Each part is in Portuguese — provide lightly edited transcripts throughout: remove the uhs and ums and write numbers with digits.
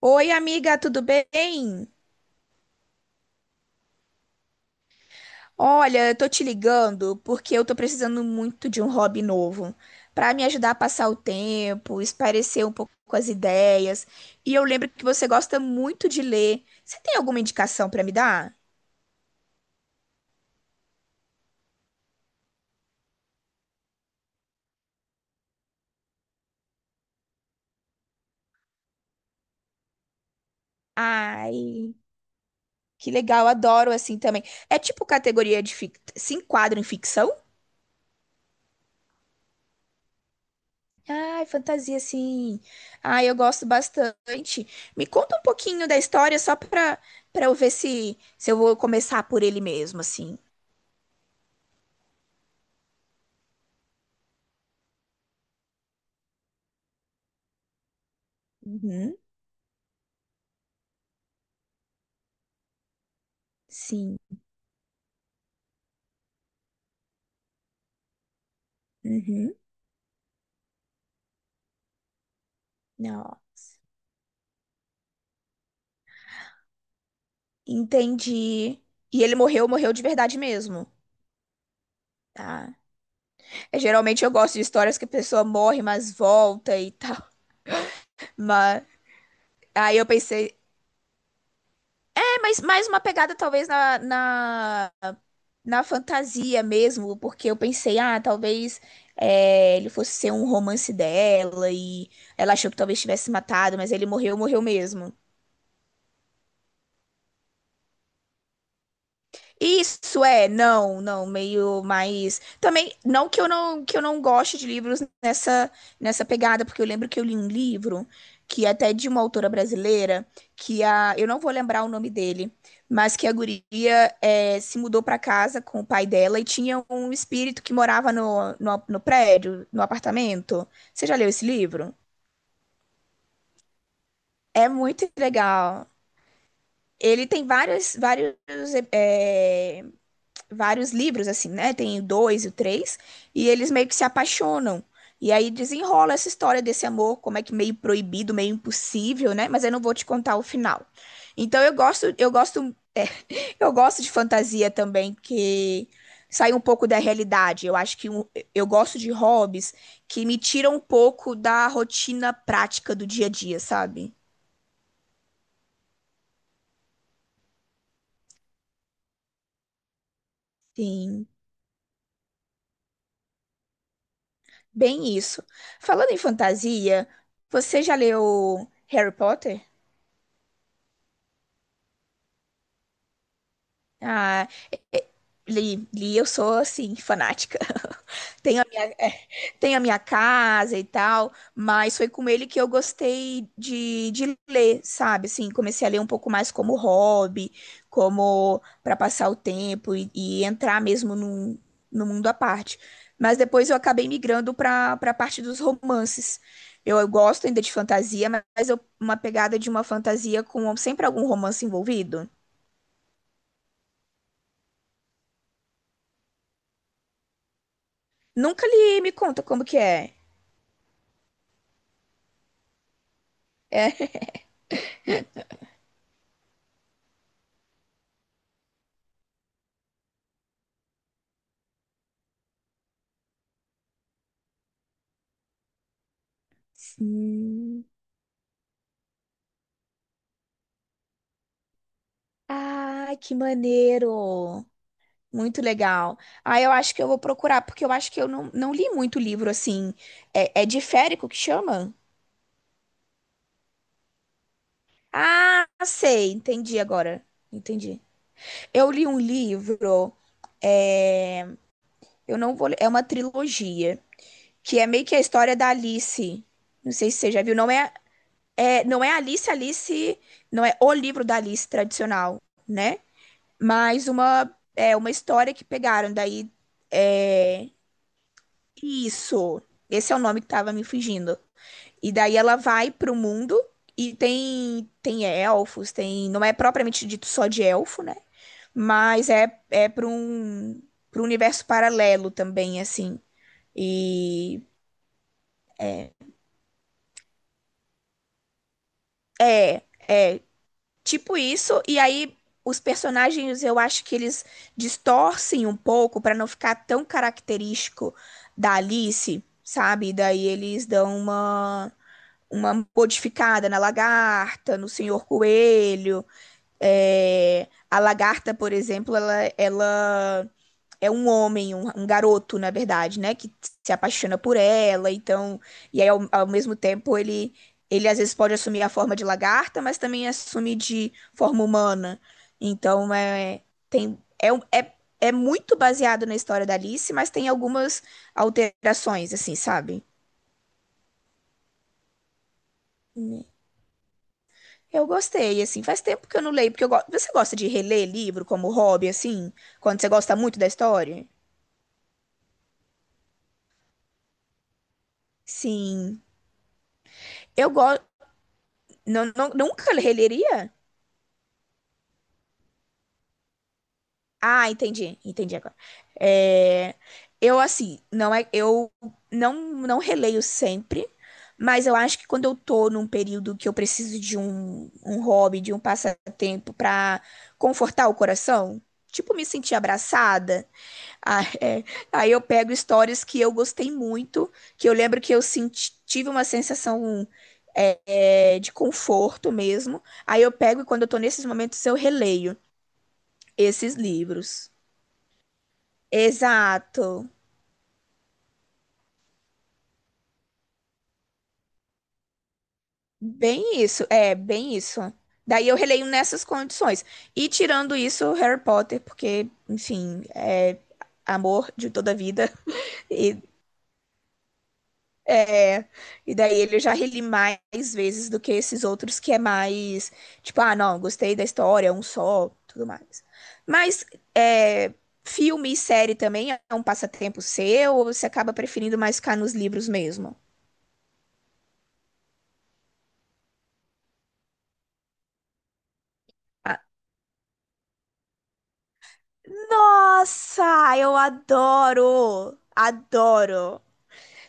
Oi, amiga, tudo bem? Olha, eu tô te ligando porque eu tô precisando muito de um hobby novo pra me ajudar a passar o tempo, espairecer um pouco as ideias. E eu lembro que você gosta muito de ler. Você tem alguma indicação pra me dar? Ai, que legal, adoro assim também. É tipo categoria de fic... se enquadra em ficção? Ai, fantasia, sim. Ai, eu gosto bastante. Me conta um pouquinho da história só pra eu ver se eu vou começar por ele mesmo, assim. Uhum, sim. Uhum. Não. Entendi. E ele morreu, morreu de verdade mesmo. Tá. É, geralmente eu gosto de histórias que a pessoa morre, mas volta e tal. Mas aí eu pensei, é, mas mais uma pegada talvez na na fantasia mesmo, porque eu pensei, ah, talvez é, ele fosse ser um romance dela e ela achou que talvez tivesse matado, mas ele morreu, morreu mesmo. Isso é, não, não, meio mais. Também, que eu não goste de livros nessa pegada, porque eu lembro que eu li um livro que é até de uma autora brasileira, que a eu não vou lembrar o nome dele, mas que a guria é, se mudou para casa com o pai dela e tinha um espírito que morava no prédio, no apartamento. Você já leu esse livro? É muito legal. Ele tem vários é, vários livros, assim, né? Tem o dois e o três, e eles meio que se apaixonam. E aí desenrola essa história desse amor, como é que meio proibido, meio impossível, né? Mas eu não vou te contar o final. Então eu gosto de fantasia também, que sai um pouco da realidade. Eu acho que eu gosto de hobbies que me tiram um pouco da rotina prática do dia a dia, sabe? Sim, bem isso. Falando em fantasia, você já leu Harry Potter? Ah, Li, eu sou assim, fanática. Tenho a minha, é, tenho a minha casa e tal, mas foi com ele que eu gostei de ler, sabe? Assim, comecei a ler um pouco mais como hobby, como para passar o tempo e entrar mesmo num, no mundo à parte. Mas depois eu acabei migrando para a parte dos romances. Eu gosto ainda de fantasia, mas eu, uma pegada de uma fantasia com sempre algum romance envolvido. Nunca li, me conta como que é. Sim. Ai, que maneiro! Muito legal. Ah, eu acho que eu vou procurar, porque eu acho que eu não, não li muito livro assim. É, é diférico que chama? Ah, sei, entendi agora. Entendi. Eu li um livro, é, eu não vou, é uma trilogia, que é meio que a história da Alice. Não sei se você já viu, não é, é, não é Alice, não é o livro da Alice tradicional, né? Mas uma, é uma história que pegaram, daí. É, Isso. Esse é o nome que tava me fugindo. E daí ela vai pro mundo e tem elfos, tem, não é propriamente dito só de elfo, né? Mas é para um universo paralelo também assim. E é, é tipo isso e aí os personagens eu acho que eles distorcem um pouco para não ficar tão característico da Alice, sabe? Daí eles dão uma modificada na lagarta, no senhor coelho. É, a lagarta, por exemplo, ela é um homem, um garoto, na verdade, né? Que se apaixona por ela, então. E aí, ao mesmo tempo, ele às vezes pode assumir a forma de lagarta, mas também assume de forma humana. Então, é, tem, é, um- é, é muito baseado na história da Alice, mas tem algumas alterações, assim, sabe? Eu gostei, assim, faz tempo que eu não leio, porque eu gosto. Você gosta de reler livro como hobby, assim? Quando você gosta muito da história? Sim. Eu gosto. Não, não- nunca releria? Ah, entendi. Entendi agora. É, eu, assim, não é. Eu não, não releio sempre, mas eu acho que quando eu tô num período que eu preciso de um, um hobby, de um passatempo pra confortar o coração, tipo, me sentir abraçada. Ah, é. Aí eu pego histórias que eu gostei muito, que eu lembro que eu tive uma sensação de conforto mesmo. Aí eu pego e quando eu tô nesses momentos eu releio esses livros. Exato. Bem isso, é, bem isso. Daí eu releio nessas condições. E tirando isso, Harry Potter, porque, enfim, é amor de toda a vida. E É, e daí ele já reli mais vezes do que esses outros que é mais, tipo, ah, não, gostei da história, é um só, tudo mais. Mas é, filme e série também é um passatempo seu ou você acaba preferindo mais ficar nos livros mesmo? Ah, Nossa, eu adoro! Adoro!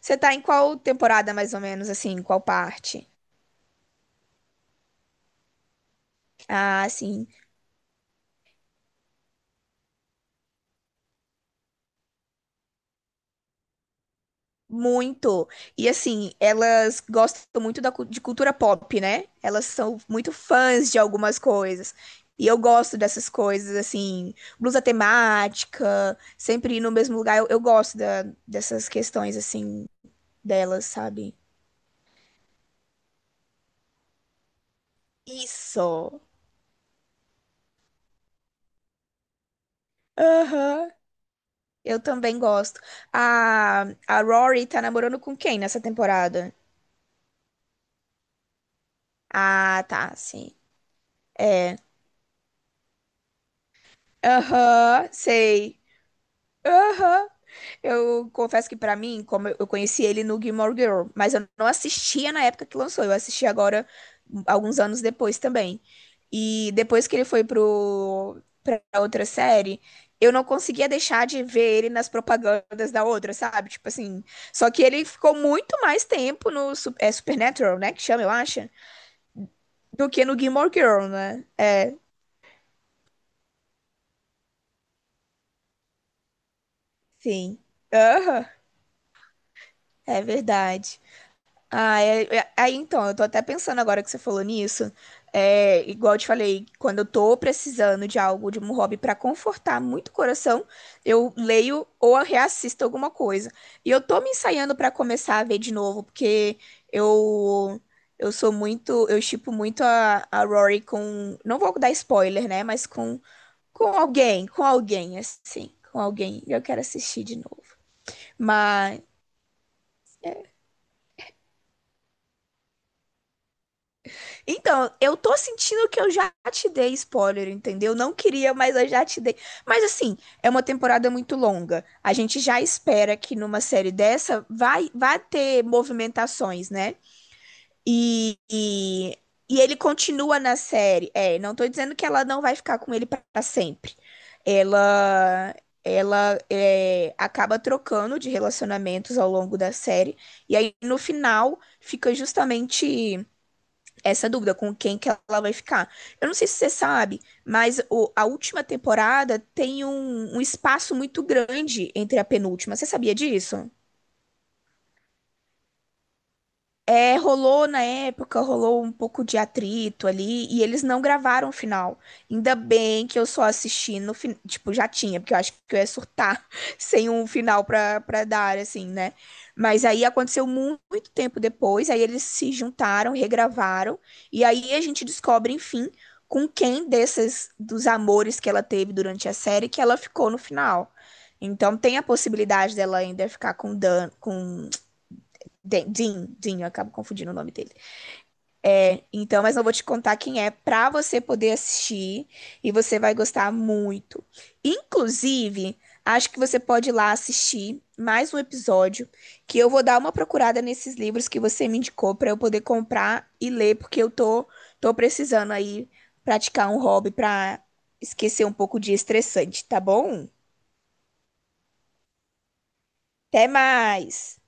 Você tá em qual temporada, mais ou menos, assim, em qual parte? Ah, sim. Muito. E assim, elas gostam muito da, de cultura pop, né? Elas são muito fãs de algumas coisas. E eu gosto dessas coisas, assim, blusa temática, sempre ir no mesmo lugar. Eu gosto dessas questões, assim, delas, sabe? Isso. Aham. Eu também gosto. A, a Rory tá namorando com quem nessa temporada? Ah, tá, sim. É. Aham, sei. Aham. Eu confesso que pra mim, como eu conheci ele no Gilmore Girl, mas eu não assistia na época que lançou, eu assisti agora um, alguns anos depois também. E depois que ele foi pro para outra série, eu não conseguia deixar de ver ele nas propagandas da outra, sabe? Tipo assim, só que ele ficou muito mais tempo no Supernatural, né, que chama, eu acho, do que no Gilmore Girl, né? Sim. Aham, é verdade. Ah, é, aí então, eu tô até pensando agora que você falou nisso. É, igual eu te falei, quando eu tô precisando de algo, de um hobby pra confortar muito o coração, eu leio ou eu reassisto alguma coisa. E eu tô me ensaiando pra começar a ver de novo, porque eu sou muito, eu shippo muito a Rory com, não vou dar spoiler, né, mas com com alguém. Eu quero assistir de novo. Então, eu tô sentindo que eu já te dei spoiler, entendeu? Não queria, mas eu já te dei. Mas assim, é uma temporada muito longa. A gente já espera que numa série dessa vai ter movimentações, né? E, e, e ele continua na série. É, não tô dizendo que ela não vai ficar com ele pra sempre. Ela, Ela é, acaba trocando de relacionamentos ao longo da série. E aí, no final, fica justamente essa dúvida com quem que ela vai ficar. Eu não sei se você sabe, mas a última temporada tem um, um espaço muito grande entre a penúltima. Você sabia disso? É, rolou na época, rolou um pouco de atrito ali, e eles não gravaram o final. Ainda bem que eu só assisti no final. Tipo, já tinha, porque eu acho que eu ia surtar sem um final pra dar, assim, né? Mas aí aconteceu muito tempo depois, aí eles se juntaram, regravaram, e aí a gente descobre, enfim, com quem desses, dos amores que ela teve durante a série, que ela ficou no final. Então tem a possibilidade dela ainda ficar com Dan, com Dean, Dean, eu acabo confundindo o nome dele. Então, mas não vou te contar quem é pra você poder assistir e você vai gostar muito. Inclusive, acho que você pode ir lá assistir mais um episódio que eu vou dar uma procurada nesses livros que você me indicou pra eu poder comprar e ler, porque eu tô precisando aí praticar um hobby pra esquecer um pouco de estressante, tá bom? Até mais.